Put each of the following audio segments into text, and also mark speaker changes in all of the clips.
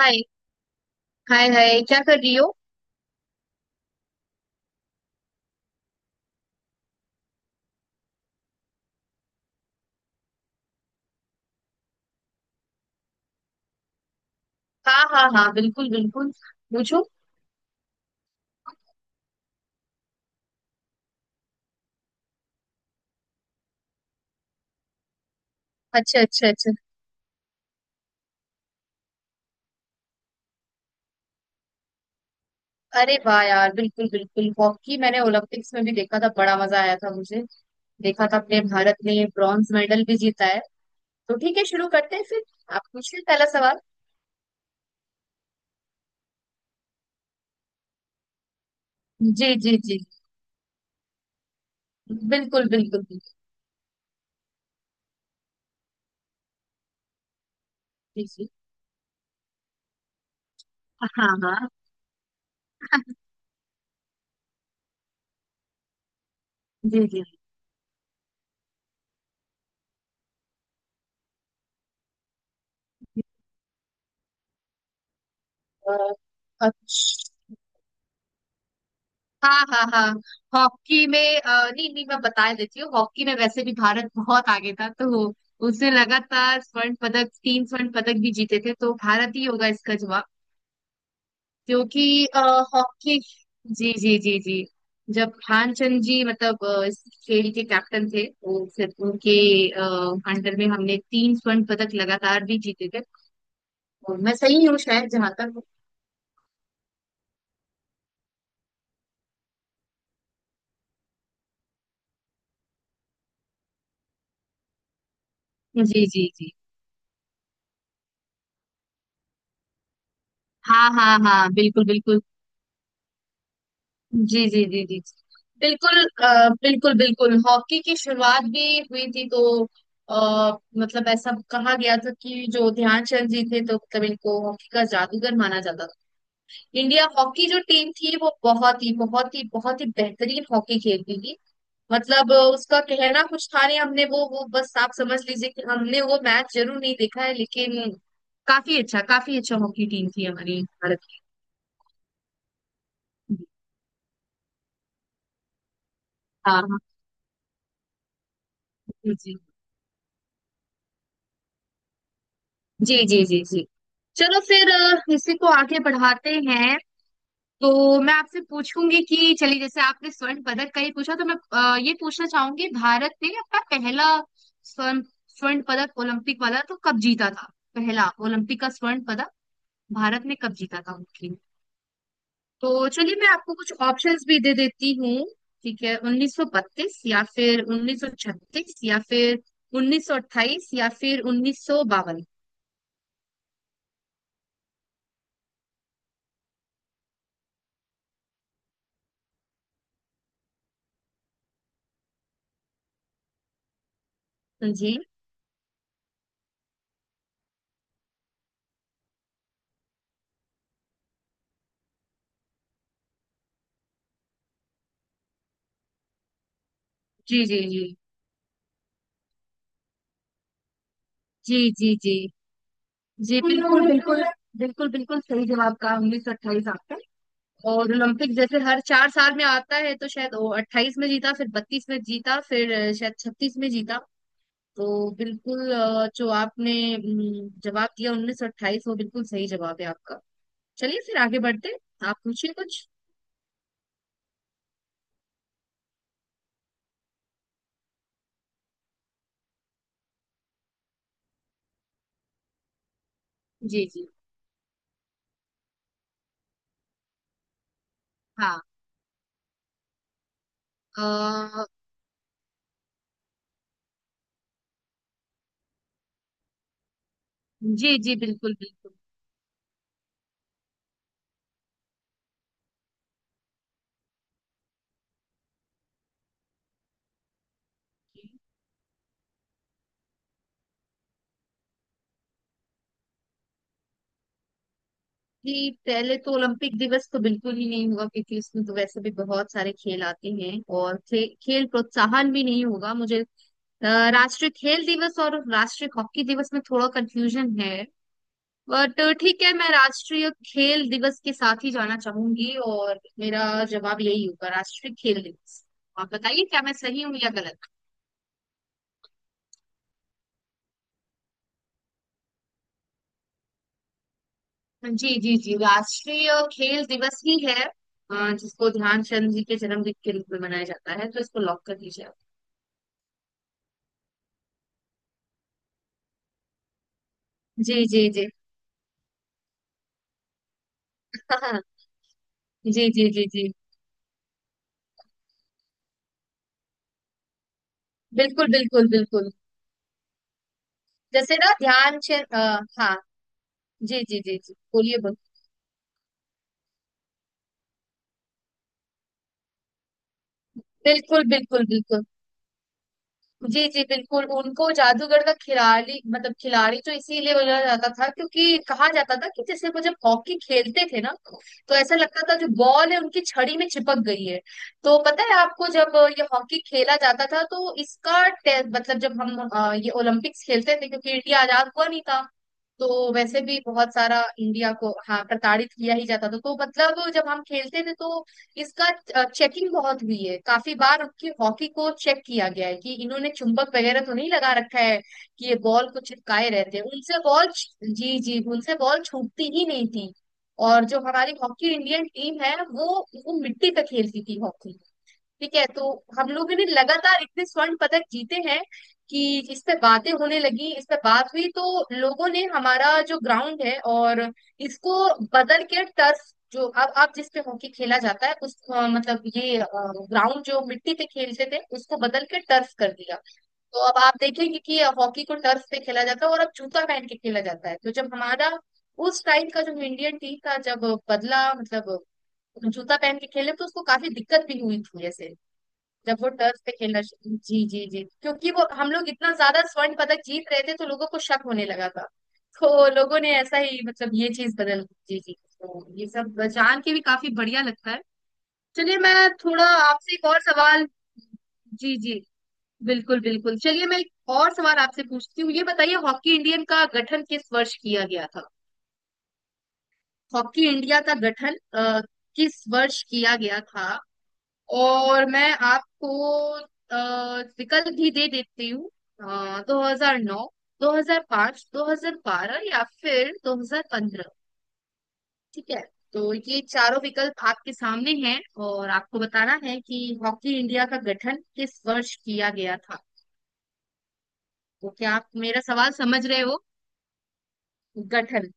Speaker 1: हाय, hi क्या कर रही हो। हाँ हाँ हाँ, बिल्कुल बिल्कुल, पूछो। अच्छा अच्छा अच्छा। अरे वाह यार, बिल्कुल बिल्कुल। हॉकी मैंने ओलंपिक्स में भी देखा था, बड़ा मजा आया था मुझे। देखा था, अपने भारत ने ब्रॉन्ज मेडल भी जीता है। तो ठीक है, शुरू करते हैं फिर। आप पूछिए पहला सवाल। जी जी जी, बिल्कुल बिल्कुल बिल्कुल। जी जी। हाँ हाँ। जी जी जी। अ, अच्छा। हाँ हाँ हाँ, हॉकी में नहीं नहीं, मैं बता देती हूँ। हॉकी में वैसे भी भारत बहुत आगे था, तो उसने लगातार स्वर्ण पदक, 3 स्वर्ण पदक भी जीते थे, तो भारत ही होगा इसका जवाब। क्योंकि हॉकी, जी जी जी जी, जब ध्यानचंद जी मतलब इस खेल के कैप्टन थे, तो फिर उनके अ, अंडर में हमने 3 स्वर्ण पदक लगातार भी जीते थे। और मैं सही हूँ शायद जहां तक। जी जी जी, हाँ हाँ हाँ, बिल्कुल बिल्कुल। जी जी जी जी, बिल्कुल बिल्कुल बिल्कुल। हॉकी की शुरुआत भी हुई थी, तो आ, मतलब ऐसा कहा गया था कि जो ध्यानचंद जी थे, तो मतलब इनको हॉकी का जादूगर माना जाता था। इंडिया हॉकी जो टीम थी, वो बहुत ही बहुत ही बहुत ही बेहतरीन हॉकी खेलती थी। मतलब उसका कहना कुछ था नहीं। हमने वो बस आप समझ लीजिए कि हमने वो मैच जरूर नहीं देखा है, लेकिन काफी अच्छा, काफी अच्छा हॉकी टीम थी हमारी भारत की। हाँ हाँ, जी जी जी जी, जी जी। चलो फिर इसी को आगे बढ़ाते हैं। तो मैं आपसे पूछूंगी कि चलिए, जैसे आपने स्वर्ण पदक का ही पूछा, तो मैं ये पूछना चाहूंगी, भारत ने अपना पहला स्वर्ण, स्वर्ण पदक ओलंपिक वाला तो कब जीता था। पहला ओलंपिक का स्वर्ण पदक भारत ने कब जीता था, मुख्य। तो चलिए मैं आपको कुछ ऑप्शंस भी दे देती हूँ। ठीक है, 1932 या फिर 1936 या फिर 1928 या फिर 1952। जी जी जी जी, जी जी जी जी, बिल्कुल बिल्कुल। बिल्कुल बिल्कुल सही जवाब कहा, उन्नीस सौ अट्ठाईस आपने। और ओलंपिक जैसे हर 4 साल में आता है, तो शायद वो अट्ठाईस में जीता, फिर बत्तीस में जीता, फिर शायद छत्तीस में जीता। तो बिल्कुल जो आपने जवाब दिया उन्नीस सौ अट्ठाईस, वो बिल्कुल सही जवाब है आपका। चलिए फिर आगे बढ़ते हैं। आप पूछिए कुछ। जी जी। हाँ। अ, जी जी, बिल्कुल बिल्कुल। जी, पहले तो ओलंपिक दिवस तो बिल्कुल ही नहीं होगा, क्योंकि इसमें तो वैसे भी बहुत सारे खेल आते हैं। और खेल प्रोत्साहन भी नहीं होगा मुझे। अ, राष्ट्रीय खेल दिवस और राष्ट्रीय हॉकी दिवस में थोड़ा कंफ्यूजन है। बट ठीक है, मैं राष्ट्रीय खेल दिवस के साथ ही जाना चाहूंगी, और मेरा जवाब यही होगा, राष्ट्रीय खेल दिवस। आप बताइए क्या मैं सही हूँ या गलत। जी जी जी, राष्ट्रीय खेल दिवस ही है जिसको ध्यानचंद जी के जन्मदिन के रूप में मनाया जाता है, तो इसको लॉक कर दीजिए आप। जी जी जी, हाँ हाँ, जी जी जी जी, बिल्कुल बिल्कुल बिल्कुल। जैसे ना, ध्यान चंद हाँ, जी जी जी जी, बोलिए बोल। बिल्कुल बिल्कुल बिल्कुल। जी जी, बिल्कुल, उनको जादूगर का खिलाड़ी मतलब खिलाड़ी तो इसीलिए बोला जाता था, क्योंकि कहा जाता था कि जैसे वो जब हॉकी खेलते थे ना, तो ऐसा लगता था जो बॉल है उनकी छड़ी में चिपक गई है। तो पता है आपको, जब ये हॉकी खेला जाता था, तो इसका मतलब जब हम ये ओलंपिक्स खेलते थे, क्योंकि इंडिया आजाद हुआ नहीं था, तो वैसे भी बहुत सारा इंडिया को, हाँ, प्रताड़ित किया ही जाता था। तो मतलब जब हम खेलते थे, तो इसका चेकिंग बहुत हुई है। काफी बार उनकी हॉकी को चेक किया गया है कि इन्होंने चुंबक वगैरह तो नहीं लगा रखा है, कि ये बॉल को चिपकाए रहते हैं, उनसे बॉल। जी जी, उनसे बॉल छूटती ही नहीं थी। और जो हमारी हॉकी इंडियन टीम है, वो मिट्टी पे खेलती थी हॉकी। ठीक है, तो हम लोगों ने लगातार इतने स्वर्ण पदक जीते हैं कि इस पे बातें होने लगी, इस पे बात हुई, तो लोगों ने हमारा जो ग्राउंड है, और इसको बदल के टर्फ, जो अब आप जिस पे हॉकी खेला जाता है, उस मतलब ये ग्राउंड जो मिट्टी पे खेलते थे, उसको बदल के टर्फ कर दिया। तो अब आप देखेंगे कि हॉकी को टर्फ पे खेला जाता है, और अब जूता पहन के खेला जाता है। तो जब हमारा उस टाइम का जो इंडियन टीम था, जब बदला मतलब जूता पहन के खेले, तो उसको काफी दिक्कत भी हुई थी, ऐसे जब वो टर्फ पे जी जी जी, क्योंकि वो हम लोग इतना ज्यादा स्वर्ण पदक जीत रहे थे, तो लोगों को शक होने लगा था, तो लोगों ने ऐसा ही मतलब ये चीज बदल। जी जी, तो ये सब जान के भी काफी बढ़िया लगता है। चलिए मैं थोड़ा आपसे एक और सवाल। जी जी बिल्कुल बिल्कुल, चलिए मैं एक और सवाल आपसे पूछती हूँ, ये बताइए हॉकी इंडियन का गठन किस वर्ष किया गया था। हॉकी इंडिया का गठन किस वर्ष किया गया था, और मैं आपको अ, विकल्प भी दे देती हूँ। 2009, 2005, 2012 या फिर 2015। ठीक है, तो ये चारों विकल्प आपके सामने हैं, और आपको बताना है कि हॉकी इंडिया का गठन किस वर्ष किया गया था। तो क्या आप मेरा सवाल समझ रहे हो। गठन।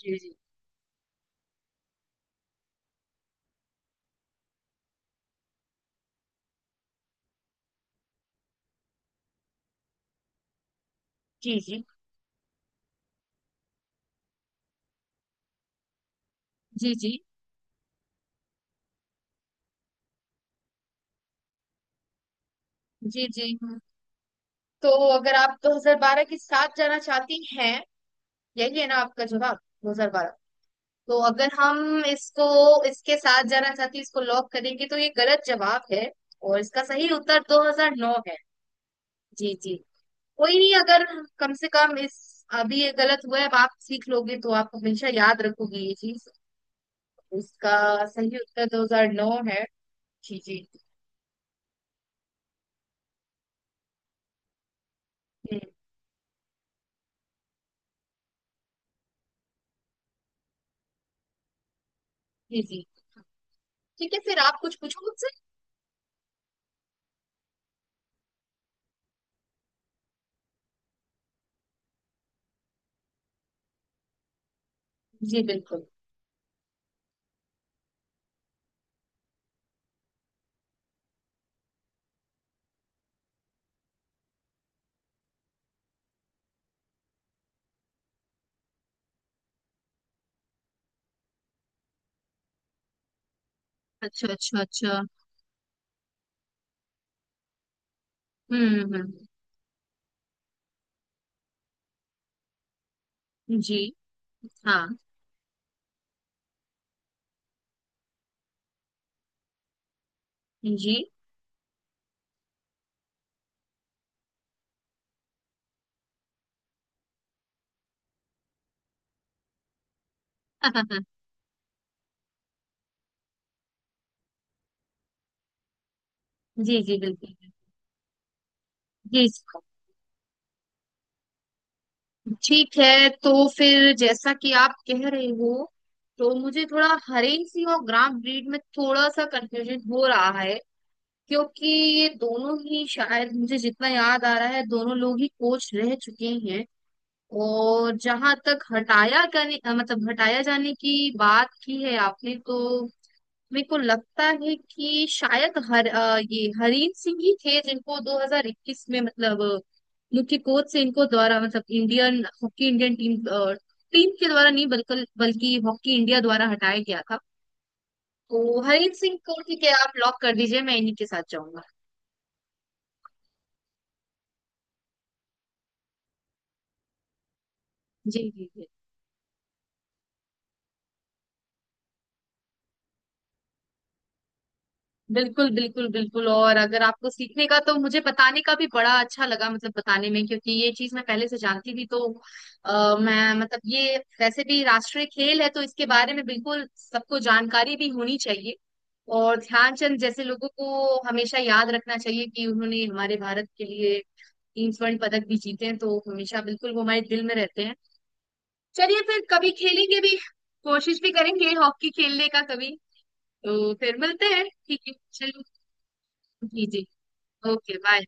Speaker 1: जी जी जी जी, जी जी जी जी, तो अगर आप 2012 के साथ जाना चाहती हैं, यही है ना आपका जवाब, 2012। तो अगर हम इसको, इसके साथ जाना चाहते हैं, इसको लॉक करेंगे, तो ये गलत जवाब है, और इसका सही उत्तर 2009 है। जी जी, कोई नहीं, अगर कम से कम इस अभी ये गलत हुआ है, अब आप सीख लोगे तो आप हमेशा याद रखोगे ये चीज। इसका सही उत्तर 2009 है। जी जी, हम्म, जी जी, ठीक है, फिर आप कुछ पूछो मुझसे। जी बिल्कुल। अच्छा अच्छा अच्छा। हम्म। जी। हाँ। जी। जी जी बिल्कुल। जी, ठीक है, तो फिर जैसा कि आप कह रहे हो, तो मुझे थोड़ा हरेंसी और ग्राम ब्रीड में थोड़ा सा कंफ्यूजन हो रहा है, क्योंकि ये दोनों ही, शायद मुझे जितना याद आ रहा है, दोनों लोग ही कोच रह चुके हैं। और जहां तक हटाया करने मतलब हटाया जाने की बात की है आपने, तो मेरे को लगता है कि शायद ये हरीन सिंह ही थे जिनको 2021 में मतलब मुख्य कोच से इनको द्वारा मतलब Indian hockey Indian team team के द्वारा नहीं, बल्कि बल्कि हॉकी इंडिया द्वारा हटाया गया था। तो हरीन सिंह को, ठीक है, आप लॉक कर दीजिए, मैं इन्हीं के साथ जाऊंगा। जी जी जी, बिल्कुल बिल्कुल बिल्कुल। और अगर आपको सीखने का, तो मुझे बताने का भी बड़ा अच्छा लगा, मतलब बताने में, क्योंकि ये चीज मैं पहले से जानती थी। तो मैं मतलब ये वैसे भी राष्ट्रीय खेल है, तो इसके बारे में बिल्कुल सबको जानकारी भी होनी चाहिए। और ध्यानचंद जैसे लोगों को हमेशा याद रखना चाहिए कि उन्होंने हमारे भारत के लिए 3 स्वर्ण पदक भी जीते हैं, तो हमेशा बिल्कुल वो हमारे दिल में रहते हैं। चलिए फिर कभी खेलेंगे भी, कोशिश भी करेंगे हॉकी खेलने का कभी। तो फिर मिलते हैं, ठीक है। चलो। जी जी। Okay bye.